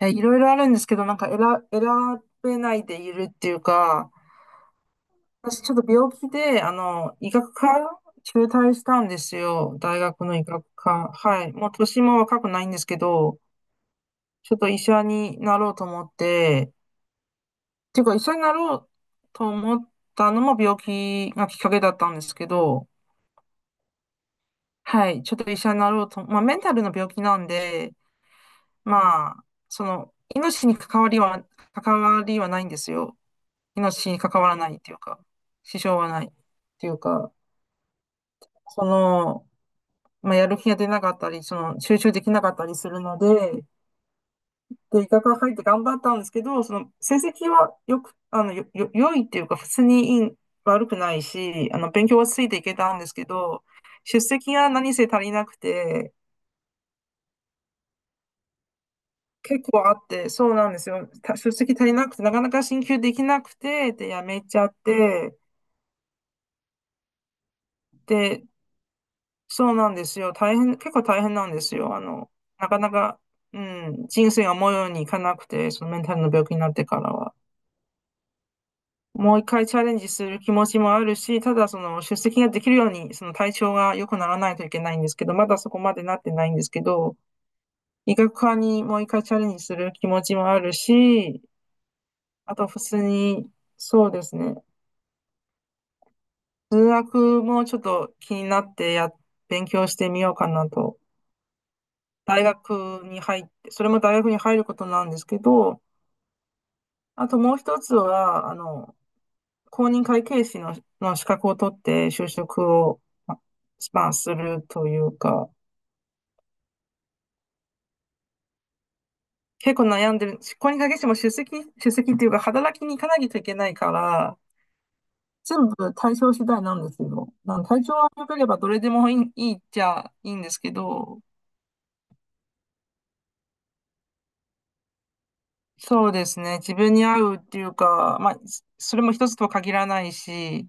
いろいろあるんですけど、なんか選べないでいるっていうか、私ちょっと病気で、医学科中退したんですよ。大学の医学科。はい。もう年も若くないんですけど、ちょっと医者になろうと思って、っていうか医者になろうと思ったのも病気がきっかけだったんですけど、はい。ちょっと医者になろうと、まあメンタルの病気なんで、まあ、命に関わりはないんですよ。命に関わらないっていうか、支障はないっていうか、その、まあ、やる気が出なかったり、集中できなかったりするので、で、医学が入って頑張ったんですけど、成績はよく、あの、よ、よ、良いっていうか、普通にいい、悪くないし、勉強はついていけたんですけど、出席が何せ足りなくて、結構あって、そうなんですよ。出席足りなくて、なかなか進級できなくて、で、やめちゃって、で、そうなんですよ。大変、結構大変なんですよ。なかなか、うん、人生が思うようにいかなくて、そのメンタルの病気になってからは。もう一回チャレンジする気持ちもあるし、ただその出席ができるように、その体調が良くならないといけないんですけど、まだそこまでなってないんですけど、医学科にもう一回チャレンジする気持ちもあるし、あと普通に、そうですね、数学もちょっと気になって勉強してみようかなと大学に入って、それも大学に入ることなんですけど、あともう一つは、公認会計士の、資格を取って就職を、ままあ、するというか、結構悩んでる。公認会計士も出席、出席っていうか、働きに行かないといけないから、全部対象次第なんですよ。体調が良ければどれでもいい、いいっちゃいいんですけど、そうですね。自分に合うっていうか、まあ、それも一つとは限らないし、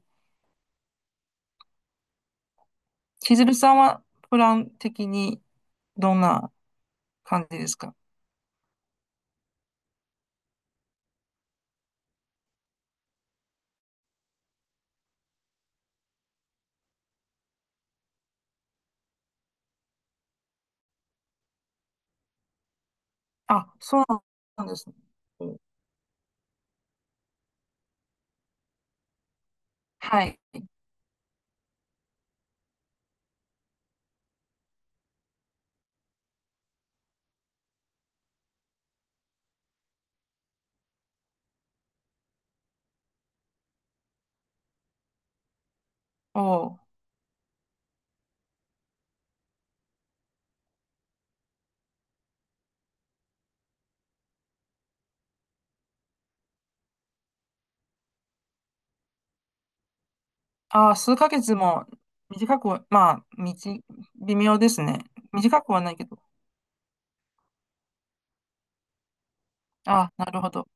千鶴さんはプラン的にどんな感じですか？あ、そうなんですね。おはい。おあ、数ヶ月も短くは、まあ、微妙ですね。短くはないけど。あ、なるほど。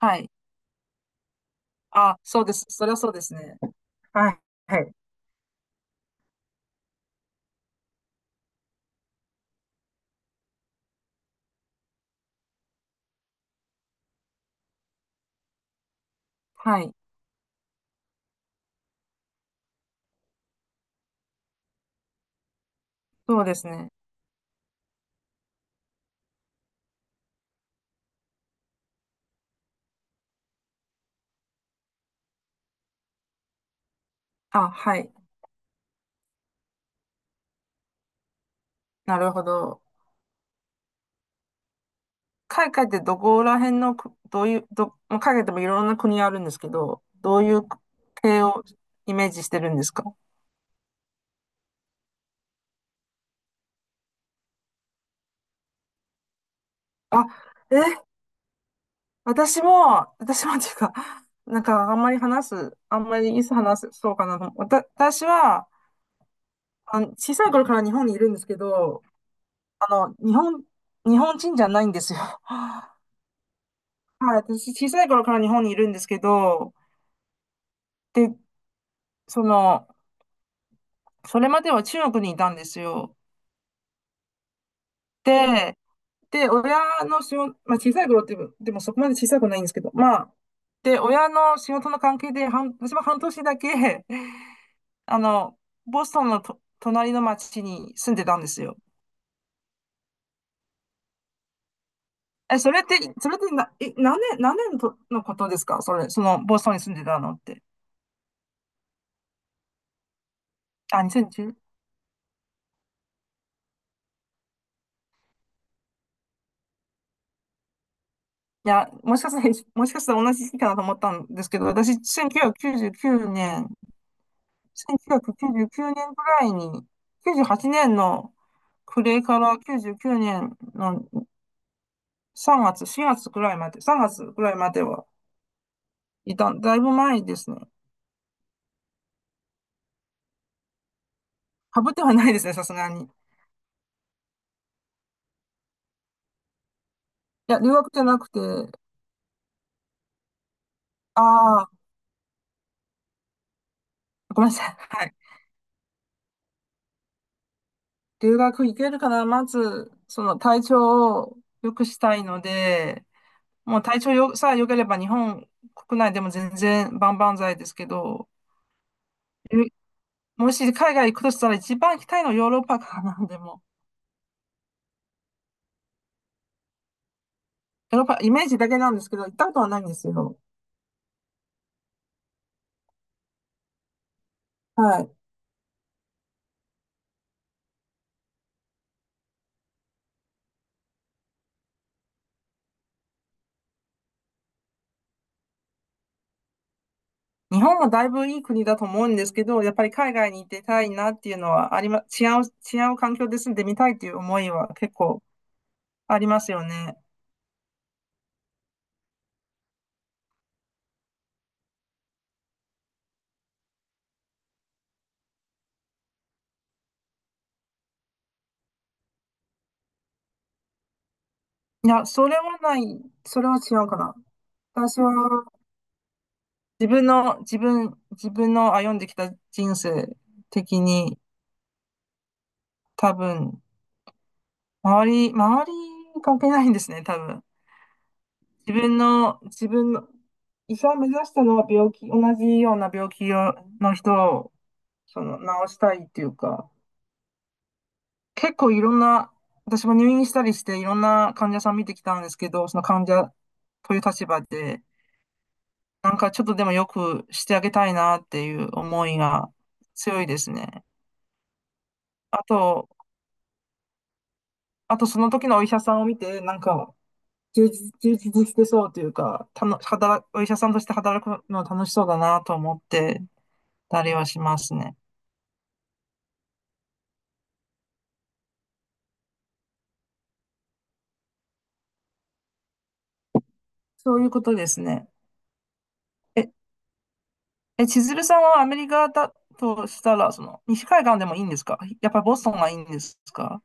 はい。あ、そうです。それはそうですね。はい。はい。はい。そうですね。あ、はい。なるほど。海外ってどこら辺のどういう、まあ海外でもいろんな国あるんですけど、どういう系をイメージしてるんですか？あ、え、私もっていうか、なんかあんまり話す、あんまりいつ話す、そうかなと思う。私は、小さい頃から日本にいるんですけど、あの、日本、日本人じゃないんですよ。はい、私小さい頃から日本にいるんですけど、で、その、それまでは中国にいたんですよ。で、で、親の仕事、まあ、小さい頃ってでもそこまで小さくないんですけど、まあ、で、親の仕事の関係で、私も半年だけ、あの、ボストンのと隣の町に住んでたんですよ。それって、何年のとのことですか？ボストンに住んでたのって。あ、2 0 1、いや、もしかしたら同じ時期かなと思ったんですけど、私、年1999年ぐらいに、98年の暮れから99年の3月、4月ぐらいまで、3月ぐらいまではいた、だいぶ前ですね。かぶってはないですね、さすがに。いや、留学じゃなくて、ああ、ごめんなさい。はい。留学行けるかな、まず、その体調を良くしたいので、もう体調よさえ良ければ日本国内でも全然万々歳ですけど、えもし海外行くとしたら一番行きたいのはヨーロッパからな、でも。ヨーロッパ、イメージだけなんですけど、行ったことはないんですよ。はい。日本もだいぶいい国だと思うんですけど、やっぱり海外に行ってたいなっていうのはありま、違う、違う環境で住んでみたいっていう思いは結構ありますよね。いや、それはない、それは違うかな。私は自分の歩んできた人生的に多分、周り関係ないんですね、多分。自分の、自分の、医者を目指したのは病気、同じような病気をの人を、治したいっていうか、結構いろんな、私も入院したりしていろんな患者さん見てきたんですけど、その患者という立場で、なんかちょっとでもよくしてあげたいなっていう思いが強いですね。あと、あとその時のお医者さんを見て、なんか充実してそうというか、たの、働、お医者さんとして働くの楽しそうだなと思って、たりはしますね。そういうことですね。え、千鶴さんはアメリカだとしたら、その、西海岸でもいいんですか？やっぱりボストンがいいんですか？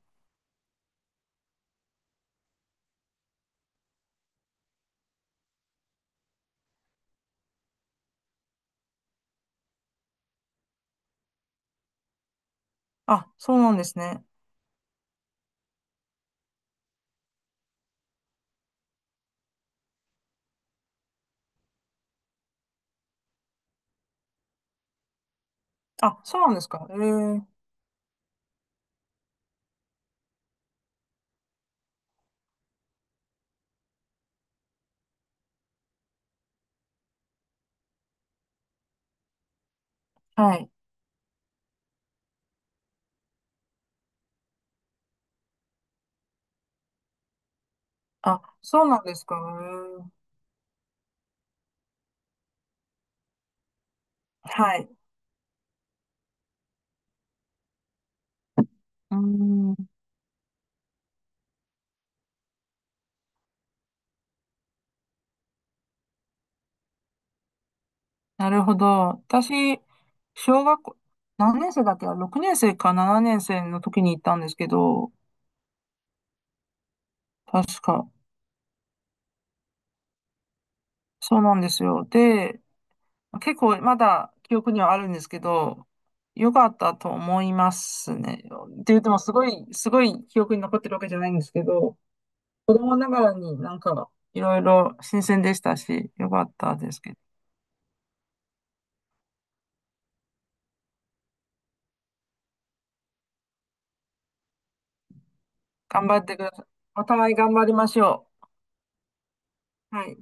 あ、そうなんですね。あ、そうなんですか。えー、はい。あ、そうなんですか。えーはい。うーん、なるほど。私、小学校、何年生だっけ ?6 年生か7年生の時に行ったんですけど、確か。そうなんですよ。で、結構まだ記憶にはあるんですけど、良かったと思いますね。って言ってもすごい、すごい記憶に残ってるわけじゃないんですけど、子供ながらになんかいろいろ新鮮でしたし、良かったですけど。頑張ってください。お互い頑張りましょう。はい。